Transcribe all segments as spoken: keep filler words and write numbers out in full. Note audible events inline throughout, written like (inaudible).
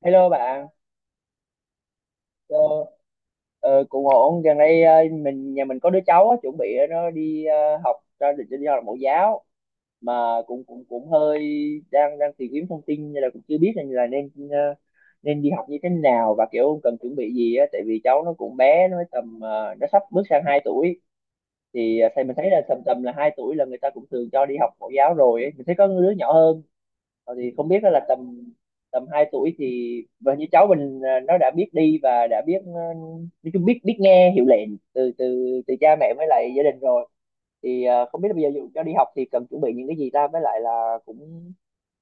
Hello bạn. ờ, ờ, Cũng ổn. Gần đây, ờ, mình nhà mình có đứa cháu á, chuẩn bị ờ, nó đi ờ, học, cho định đi học mẫu giáo mà cũng cũng cũng hơi đang đang tìm kiếm thông tin, nên là cũng chưa biết là, là nên, ờ, nên đi học như thế nào và kiểu cần chuẩn bị gì á. Tại vì cháu nó cũng bé, nó mới tầm, ờ, nó sắp bước sang hai tuổi. Thì ờ, thầy mình thấy là tầm tầm là hai tuổi là người ta cũng thường cho đi học mẫu giáo rồi ấy. Mình thấy có đứa nhỏ hơn. Ờ, thì không biết đó là tầm tầm hai tuổi thì, và như cháu mình à, nó đã biết đi và đã biết, ờ, nói chung biết biết nghe hiệu lệnh từ từ từ cha mẹ với lại gia đình rồi. Thì ờ, không biết là bây giờ dù cho đi học thì cần chuẩn bị những cái gì ta, với lại là cũng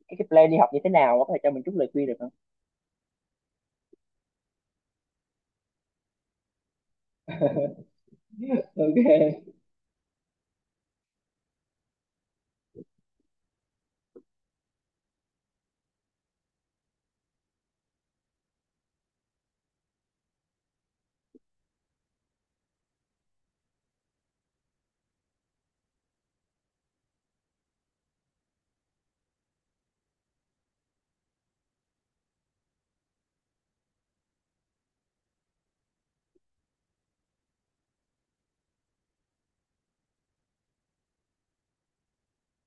cái, cái plan đi học như thế nào, có thể cho mình chút lời khuyên được không? Ok.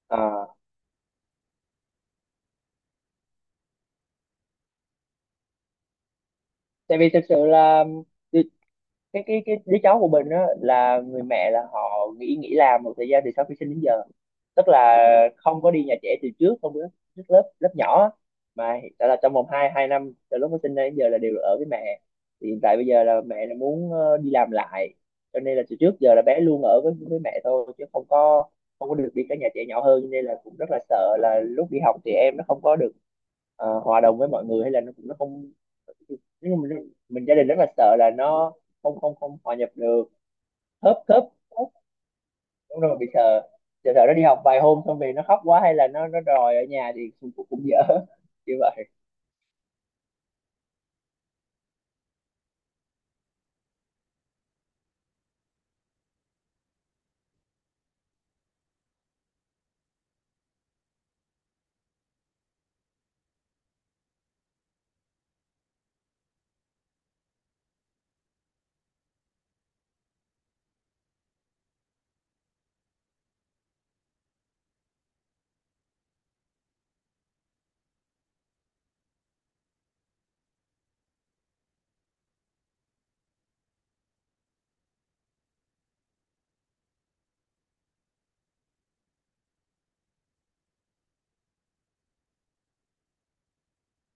À, tại vì thực sự là cái cái cái đứa cháu của mình á, là người mẹ là họ nghỉ nghỉ làm một thời gian từ sau khi sinh đến giờ, tức là không có đi nhà trẻ từ trước, không có trước lớp lớp nhỏ á. Mà hiện tại là trong vòng hai hai năm từ lúc nó sinh ra đến giờ là đều ở với mẹ. Thì hiện tại bây giờ là mẹ là muốn ờ, đi làm lại, cho nên là từ trước giờ là bé luôn ở với với mẹ thôi, chứ không có, không có được đi các nhà trẻ nhỏ hơn, cho nên là cũng rất là sợ là lúc đi học thì em nó không có được, ờ, hòa đồng với mọi người, hay là nó cũng nó không. Nhưng mà mình, mình gia đình rất là sợ là nó không không không hòa nhập được. Khớp khớp. Khớp. Đúng rồi, bị sợ. Sợ sợ nó đi học vài hôm xong về nó khóc quá, hay là nó nó đòi ở nhà thì cũng cũng, cũng dở. (laughs) Như vậy.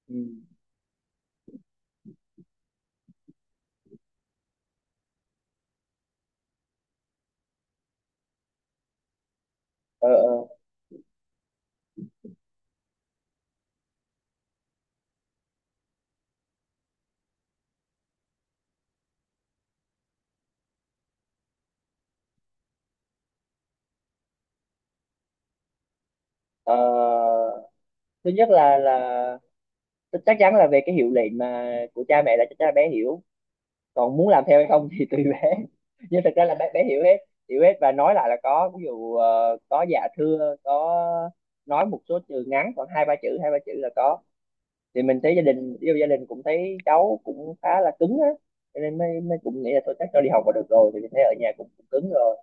Ừ. ờ, ờ. Ờ, Thứ nhất là, là chắc chắn là về cái hiệu lệnh mà của cha mẹ, là chắc chắn là bé hiểu, còn muốn làm theo hay không thì tùy bé. (laughs) Nhưng thật ra là bé bé hiểu hết. Hiểu hết, và nói lại là có, ví dụ ờ, có dạ thưa có, nói một số từ ngắn khoảng hai ba chữ, hai ba chữ là có. Thì mình thấy gia đình yêu gia đình cũng thấy cháu cũng khá là cứng á, cho nên mới mới cũng nghĩ là tôi chắc cho đi học là được rồi. Thì mình thấy ở nhà cũng, cũng cứng rồi.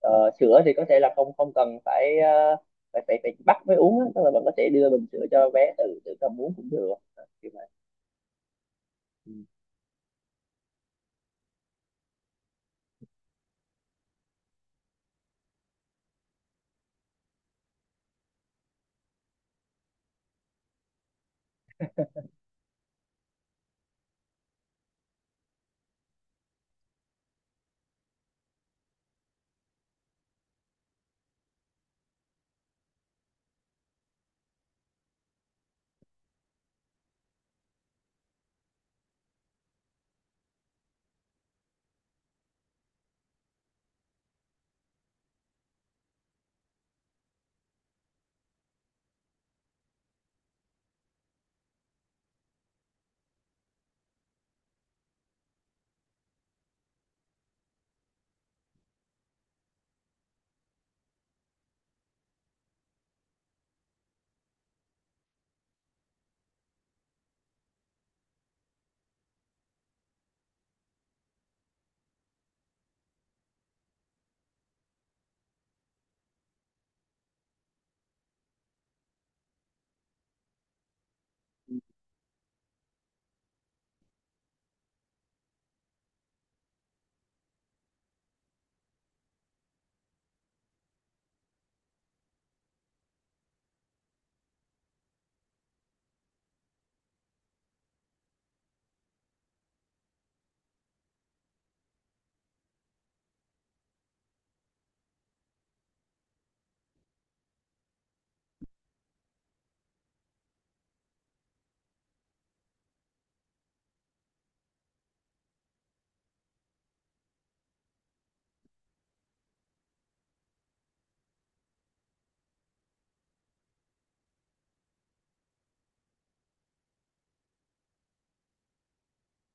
Ờ, sữa thì có thể là không không cần phải, ờ, phải phải, phải bắt mới uống á, tức là bạn có thể đưa bình sữa cho bé tự tự cầm uống cũng được. Ờ, Kiểu vậy. Ừ.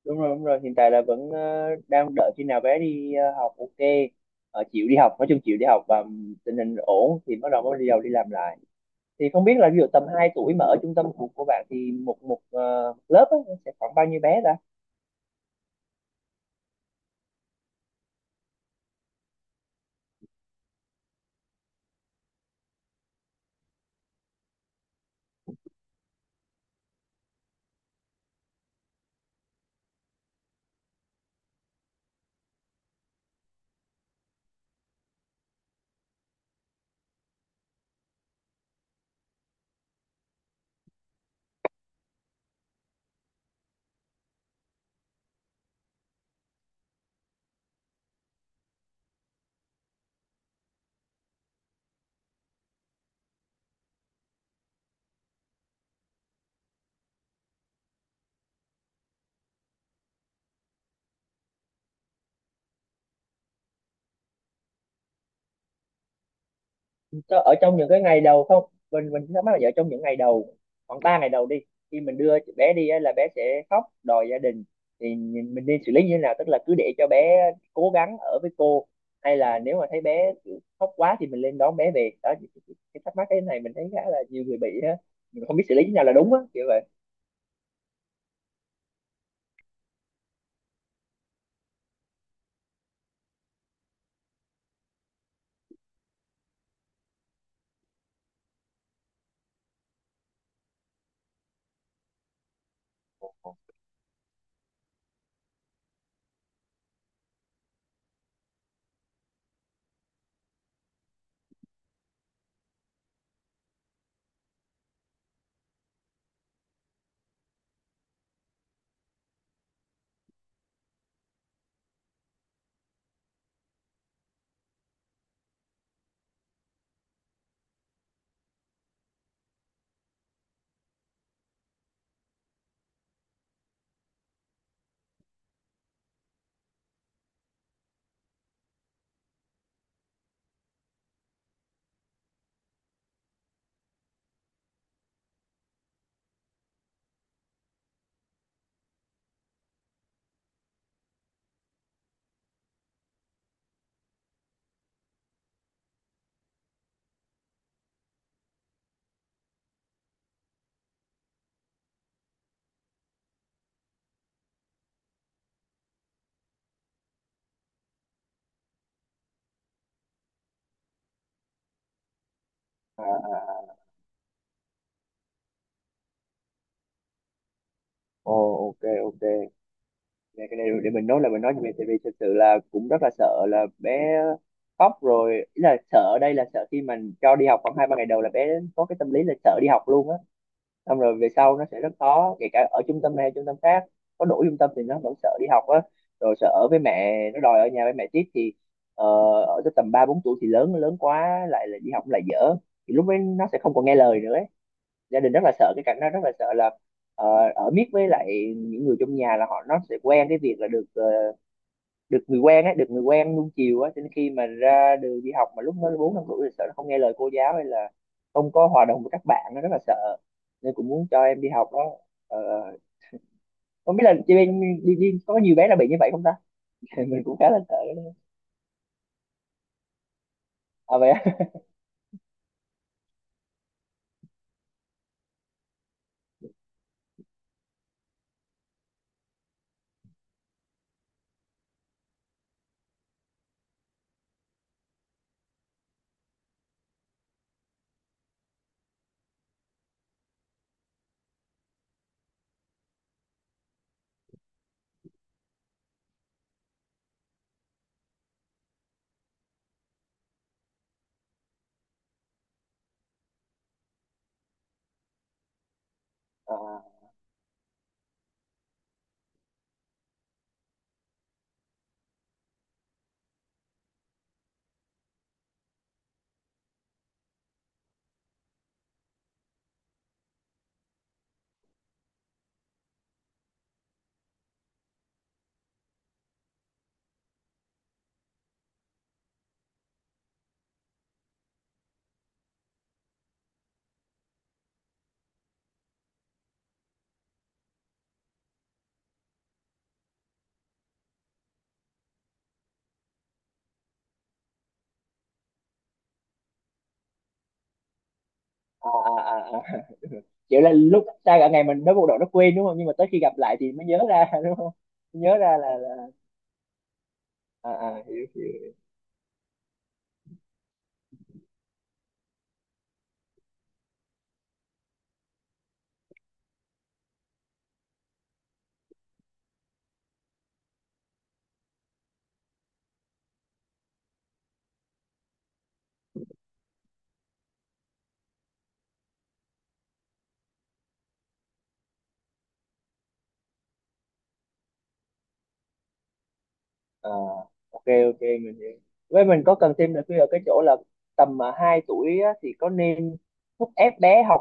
Đúng rồi, đúng rồi, hiện tại là vẫn ờ, đang đợi khi nào bé đi ờ, học, ok. Ờ, chịu đi học, nói chung chịu đi học và tình hình ổn thì bắt đầu mới đi đầu đi làm lại. Thì không biết là ví dụ tầm hai tuổi mà ở trung tâm của của bạn thì một một ờ, lớp á, nó sẽ khoảng bao nhiêu bé ta? Cho- ở trong những cái ngày đầu, không, mình mình thắc mắc là, ở trong những ngày đầu khoảng ba ngày đầu đi, khi mình đưa bé đi á, là bé sẽ khóc đòi gia đình. Thì nhìn- mình nên xử lý như thế nào, tức là cứ để cho bé cố gắng ở với cô, hay là nếu mà thấy bé kiểu khóc quá thì mình lên đón bé về. Đó thì- thì- cái thắc mắc cái này mình thấy khá là nhiều người bị á. Mình không biết xử lý như thế nào là đúng á, kiểu vậy. À, à, à. Ồ. Ok, ok. Về cái này để mình nói, là mình nói về, tại vì thật sự là cũng rất là sợ là bé khóc rồi. Ý là sợ ở đây là sợ khi mình cho đi học khoảng hai ba ngày đầu là bé có cái tâm lý là sợ đi học luôn á, xong rồi về sau nó sẽ rất khó. Kể cả ở trung tâm này hay trung tâm khác, có đổi trung tâm thì nó vẫn sợ đi học á, rồi sợ ở với mẹ, nó đòi ở nhà với mẹ tiếp thì, ờ, ở tới tầm ba bốn tuổi thì lớn lớn quá, lại là đi học lại dở. Thì lúc ấy nó sẽ không còn nghe lời nữa. Gia đình rất là sợ cái cảnh đó, rất là sợ là, ờ, ở miết với lại những người trong nhà là họ, nó sẽ quen cái việc là được, ờ, được người quen á được người quen nuông chiều á, cho nên khi mà ra đường đi học mà lúc nó bốn năm tuổi thì sợ nó không nghe lời cô giáo, hay là không có hòa đồng với các bạn, nó rất là sợ. Nên cũng muốn cho em đi học đó. Ờ, ờ, Không biết là chị bên đi, đi có nhiều bé là bị như vậy không ta? (laughs) Mình cũng khá là sợ đó. À, vậy á? À, à, à, à, à. Kiểu là lúc xa cả ngày mình nói bộ đội nó quên đúng không, nhưng mà tới khi gặp lại thì mới nhớ ra, (laughs) đúng không? Nhớ ra là. À, à, hiểu, hiểu. À, ok, ok, mình hiểu. Với mình có cần thêm nữa ở cái chỗ là, tầm mà hai tuổi á, thì có nên thúc ép bé học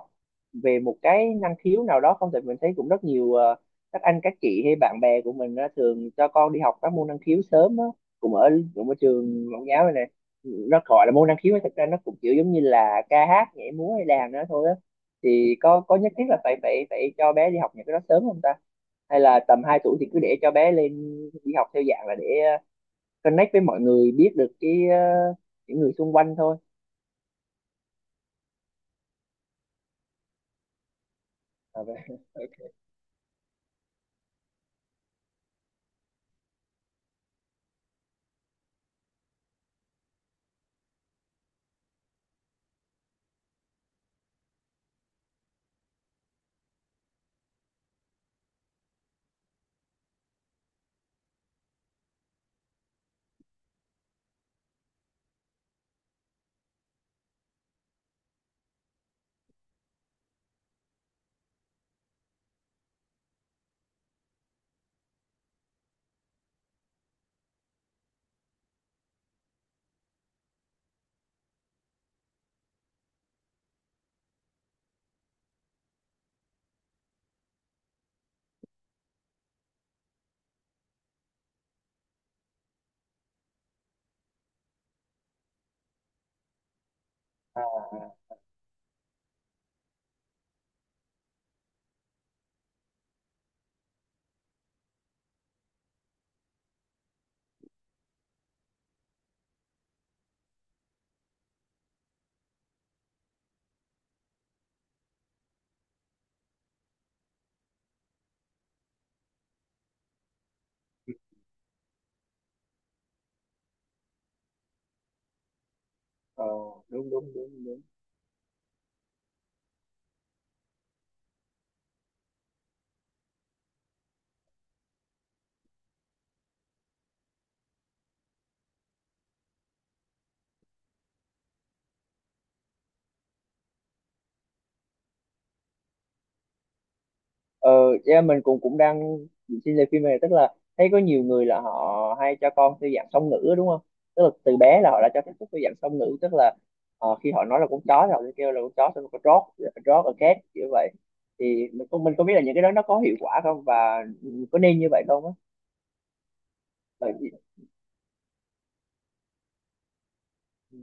về một cái năng khiếu nào đó không? Tại mình thấy cũng rất nhiều, ờ, các anh các chị hay bạn bè của mình á, thường cho con đi học các môn năng khiếu sớm á, cũng ở cũng ở trường mẫu giáo này nè. Nó gọi là môn năng khiếu nhưng thực ra nó cũng kiểu giống như là ca hát nhảy múa hay đàn nữa thôi á. Thì có có nhất thiết là phải phải phải cho bé đi học những cái đó sớm không ta? Hay là tầm hai tuổi thì cứ để cho bé lên đi học theo dạng là để, ờ, connect với mọi người, biết được cái, ờ, những người xung quanh thôi. À, vậy. (laughs) À, à, ờ, đúng, đúng, đúng, đúng. ờ yeah, mình cũng cũng đang xin lời phim này, tức là thấy có nhiều người là họ hay cho con theo dạng song ngữ á, đúng không? Tức là từ bé là họ đã cho tiếp xúc theo dạng song ngữ, tức là, ờ, khi họ nói là con chó thì họ sẽ kêu là con chó, xong rồi có dog, dog, a cat, kiểu vậy. Thì mình không mình không biết là những cái đó nó có hiệu quả không, và có nên như vậy không á. Bởi vì- ừ.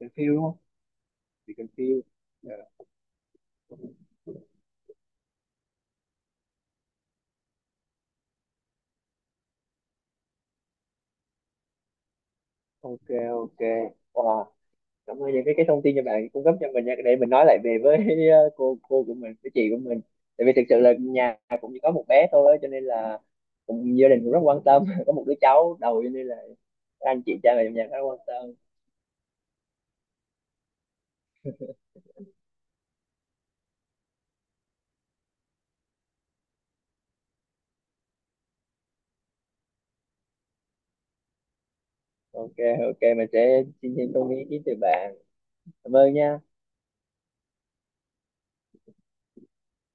Cần phiêu đúng không? Bị cần phiêu. Dạ. Ok, ok. Wow, cảm ơn những cái cái thông tin cho bạn cung cấp cho mình nha, để mình nói lại về với, (laughs) cô cô của mình với chị của mình. Tại vì thực sự là nhà cũng chỉ có một bé thôi á, cho nên là cũng, gia đình cũng rất quan tâm, (laughs) có một đứa cháu đầu cho nên là các anh chị cha mẹ trong nhà khá quan tâm. Ok, ok, mình sẽ xin thêm thông tin ý kiến từ bạn. Cảm ơn nha.